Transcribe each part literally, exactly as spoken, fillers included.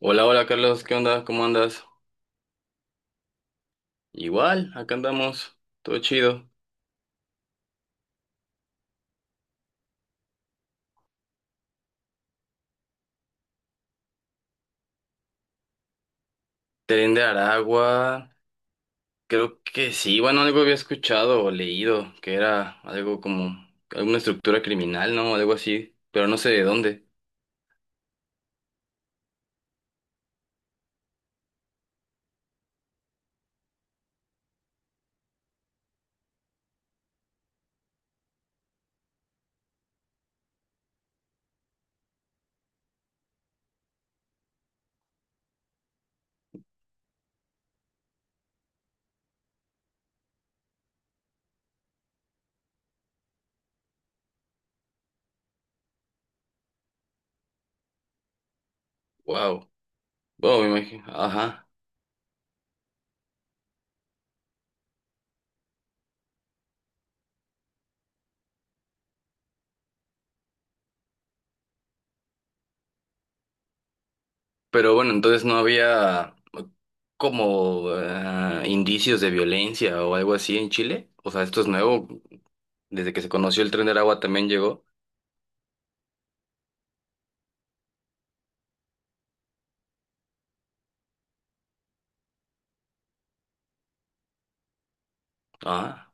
Hola, hola Carlos, ¿qué onda? ¿Cómo andas? Igual, acá andamos, todo chido. Tren de Aragua, creo que sí, bueno, algo había escuchado o leído, que era algo como alguna estructura criminal, ¿no? Algo así, pero no sé de dónde. Wow. Wow, me imagino. Ajá. Pero bueno, entonces no había como eh, indicios de violencia o algo así en Chile. O sea, esto es nuevo, desde que se conoció el Tren de Aragua también llegó. Ajá.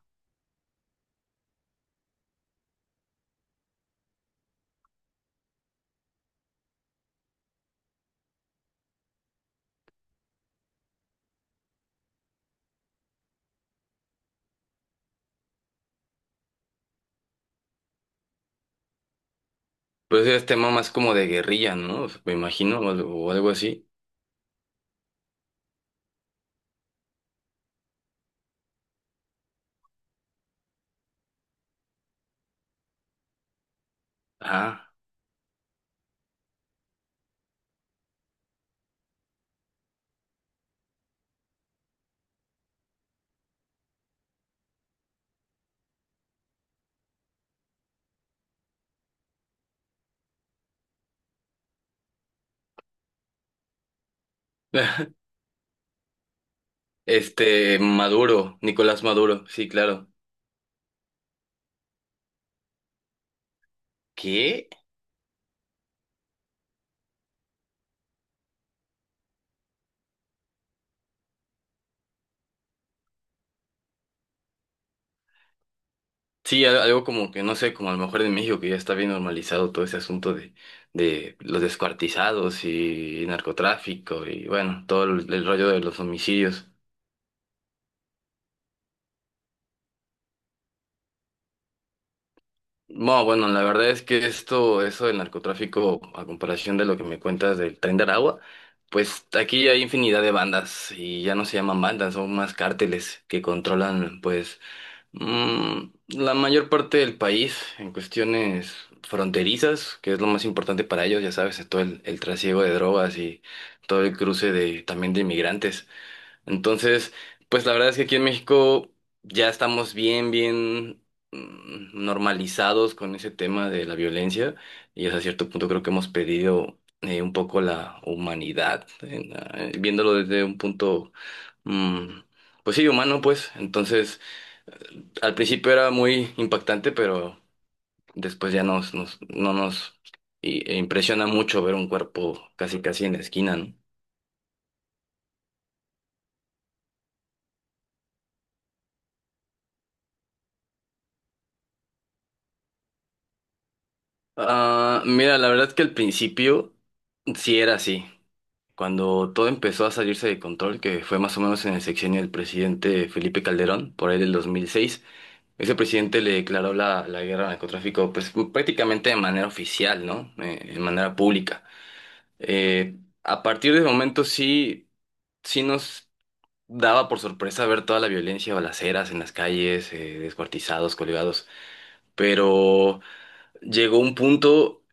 Pues es tema más como de guerrilla, ¿no? O sea, me imagino, o algo o algo así. Ah. Este, Maduro, Nicolás Maduro, sí, claro. ¿Qué? Sí, al- algo como que, no sé, como a lo mejor en México que ya está bien normalizado todo ese asunto de, de los descuartizados y narcotráfico y bueno, todo el, el rollo de los homicidios. No, bueno, la verdad es que esto, eso del narcotráfico, a comparación de lo que me cuentas del Tren de Aragua, pues aquí hay infinidad de bandas y ya no se llaman bandas, son más cárteles que controlan, pues, mm, la mayor parte del país en cuestiones fronterizas, que es lo más importante para ellos, ya sabes, todo el, el trasiego de drogas y todo el cruce de también de inmigrantes. Entonces, pues la verdad es que aquí en México ya estamos bien, bien mm, normalizados con ese tema de la violencia y hasta cierto punto creo que hemos perdido eh, un poco la humanidad, en la- eh, viéndolo desde un punto, mm, pues sí, humano, pues. Entonces, al principio era muy impactante, pero después ya nos, nos, no nos i- e impresiona mucho ver un cuerpo casi, casi en la esquina, ¿no? Ah, mira, la verdad es que al principio... Sí, era así. Cuando todo empezó a salirse de control, que fue más o menos en el sexenio del presidente Felipe Calderón, por ahí del dos mil seis, ese presidente le declaró la, la guerra al narcotráfico pues, prácticamente de manera oficial, ¿no? Eh, de manera pública. Eh, a partir de ese momento sí, sí nos daba por sorpresa ver toda la violencia, balaceras en las calles, eh, descuartizados, colgados, pero llegó un punto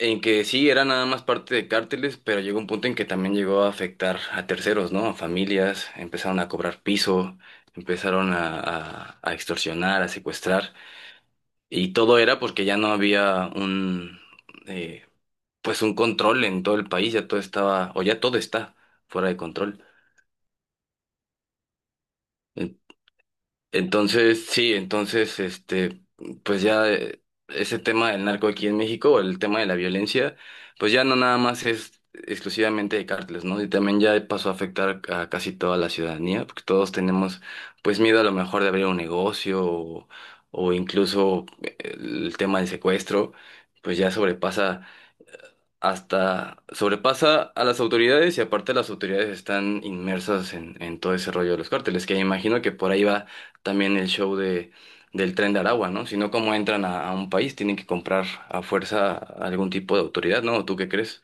en que sí, era nada más parte de cárteles, pero llegó un punto en que también llegó a afectar a terceros, ¿no? A familias, empezaron a cobrar piso, empezaron a, a- a extorsionar, a secuestrar, y todo era porque ya no había un, eh, pues un control en todo el país, ya todo estaba, o ya todo está fuera de control. Entonces, sí, entonces, este, pues ya eh, ese tema del narco aquí en México, o el tema de la violencia, pues ya no nada más es exclusivamente de cárteles, ¿no? Y también ya pasó a afectar a casi toda la ciudadanía, porque todos tenemos, pues, miedo a lo mejor de abrir un negocio o, o incluso eh, el tema del secuestro, pues ya sobrepasa hasta sobrepasa a las autoridades y aparte las autoridades están inmersas en, en todo ese rollo de los cárteles, que imagino que por ahí va también el show de, del Tren de Aragua, ¿no? Si no, ¿cómo entran a, a un país? Tienen que comprar a fuerza algún tipo de autoridad, ¿no? ¿Tú qué crees?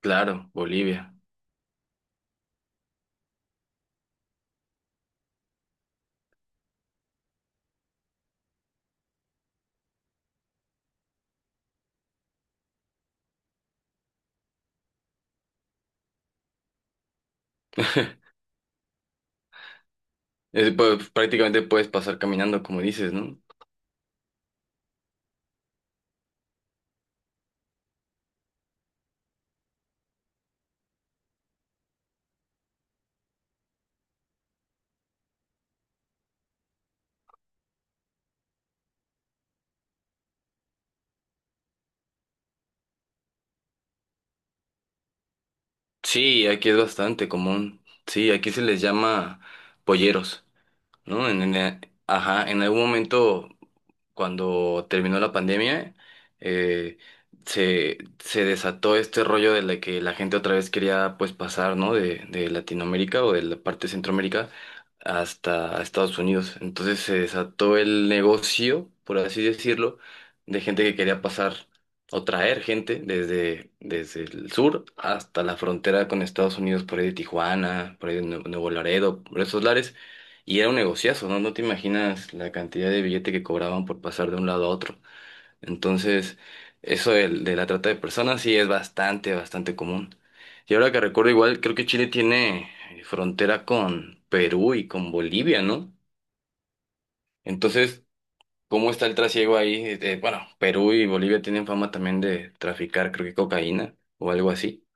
Claro, Bolivia. Eh, pues, prácticamente puedes pasar caminando, como dices, ¿no? Sí, aquí es bastante común. Sí, aquí se les llama polleros. ¿No? En, en- eh, ajá, en algún momento, cuando terminó la pandemia, eh, se, se desató este rollo de la que la gente otra vez quería pues pasar, ¿no? De, de Latinoamérica o de la parte de Centroamérica hasta Estados Unidos. Entonces se desató el negocio, por así decirlo, de gente que quería pasar o traer gente desde, desde el sur hasta la frontera con Estados Unidos, por ahí de Tijuana, por ahí de Nue- Nuevo Laredo, por esos lares. Y era un negociazo, ¿no? No te imaginas la cantidad de billete que cobraban por pasar de un lado a otro. Entonces, eso del- de, la trata de personas sí es bastante, bastante común. Y ahora que recuerdo, igual creo que Chile tiene eh, frontera con Perú y con Bolivia, ¿no? Entonces, ¿cómo está el trasiego ahí? Eh, bueno, Perú y Bolivia tienen fama también de traficar, creo que cocaína o algo así.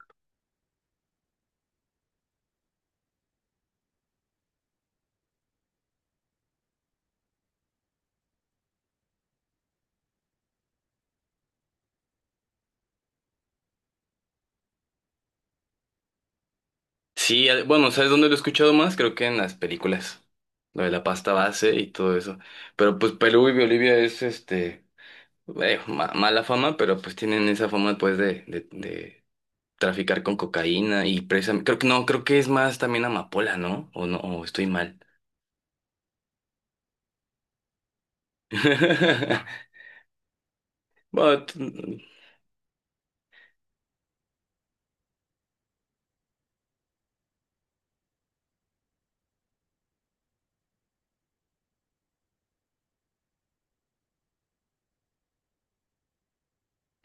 Sí, a- bueno, ¿sabes dónde lo he escuchado más? Creo que en las películas. Lo de la pasta base y todo eso. Pero pues Perú y Bolivia es este eh, ma- mala fama, pero pues tienen esa fama pues de, de, de traficar con cocaína y presa. Creo que no, creo que es más también amapola, ¿no? O no, o estoy mal. Bueno, t-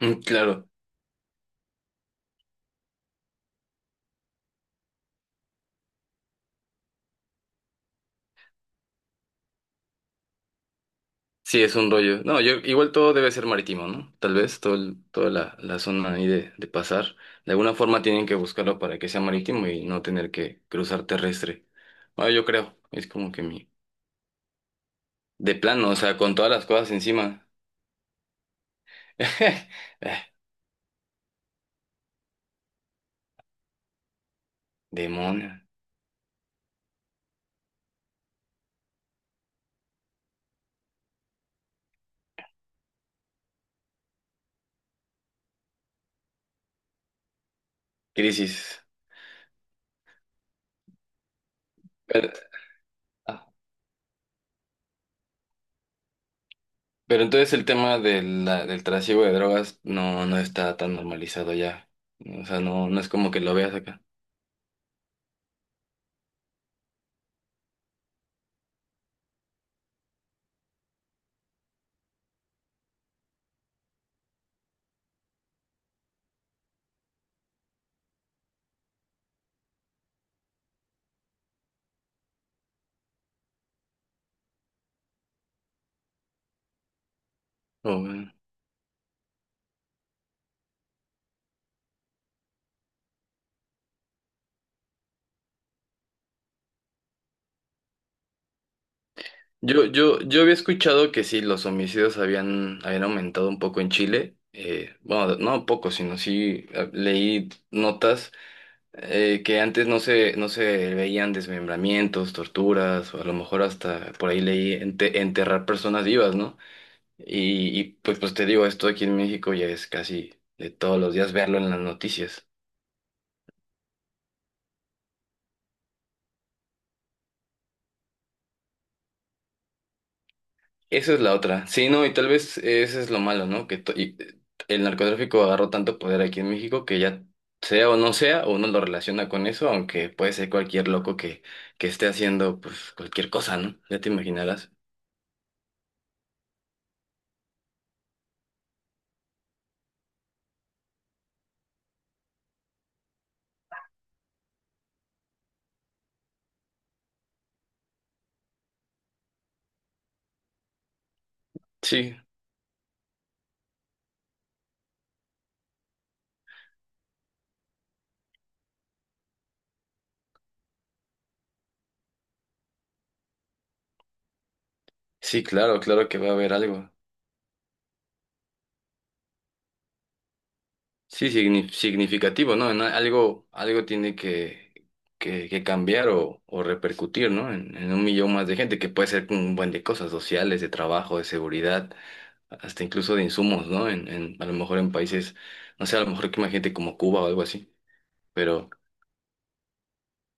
mm, claro. Sí, es un rollo. No, yo igual todo debe ser marítimo, ¿no? Tal vez todo el- toda la, la zona ahí de, de pasar. De alguna forma tienen que buscarlo para que sea marítimo y no tener que cruzar terrestre. Ah, yo creo. Es como que mi... De plano, o sea, con todas las cosas encima. Eh, demonio. Crisis. Pero, ah, pero entonces el tema de la- del trasiego de drogas no, no está tan normalizado ya. O sea, no, no es como que lo veas acá. Yo, yo, yo había escuchado que sí, los homicidios habían, habían aumentado un poco en Chile. Eh, bueno, no un poco, sino sí eh, leí notas eh, que antes no se, no se veían desmembramientos, torturas, o a lo mejor hasta por ahí leí ente- enterrar personas vivas, ¿no? Y, y pues, pues te digo, esto aquí en México ya es casi de todos los días verlo en las noticias. Esa es la otra. Sí, no, y tal vez eso es lo malo, ¿no? Que to- y- el narcotráfico agarró tanto poder aquí en México que ya sea o no sea, uno lo relaciona con eso, aunque puede ser cualquier loco que, que esté haciendo pues cualquier cosa, ¿no? Ya te imaginarás. Sí, sí, claro, claro que va a haber algo. Sí, signi- significativo, ¿no? En a- algo, algo tiene que, que, que cambiar o, o repercutir, ¿no? En, en un millón más de gente, que puede ser un buen de cosas sociales, de trabajo, de seguridad. Hasta incluso de insumos, ¿no? En, en, a lo mejor en países, no sé, a lo mejor que imagínate como Cuba o algo así, pero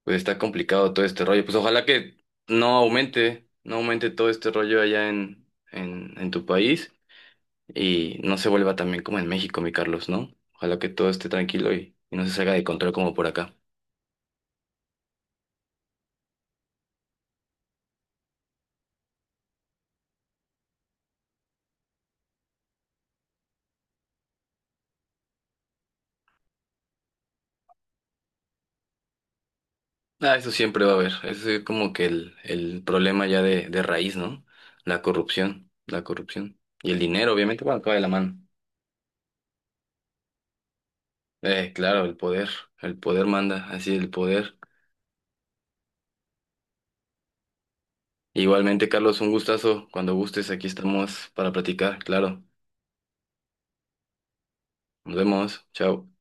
pues está complicado todo este rollo. Pues ojalá que no aumente, no aumente todo este rollo allá en, en, en tu país y no se vuelva también como en México, mi Carlos, ¿no? Ojalá que todo esté tranquilo y, y no se salga de control como por acá. Ah, eso siempre va a haber, eso es como que el, el problema ya de, de raíz, ¿no? La corrupción, la corrupción. Y el dinero, obviamente, bueno, acaba de la mano. Eh, claro, el poder, el poder manda, así el poder. Igualmente, Carlos, un gustazo. Cuando gustes, aquí estamos para platicar, claro. Nos vemos, chao.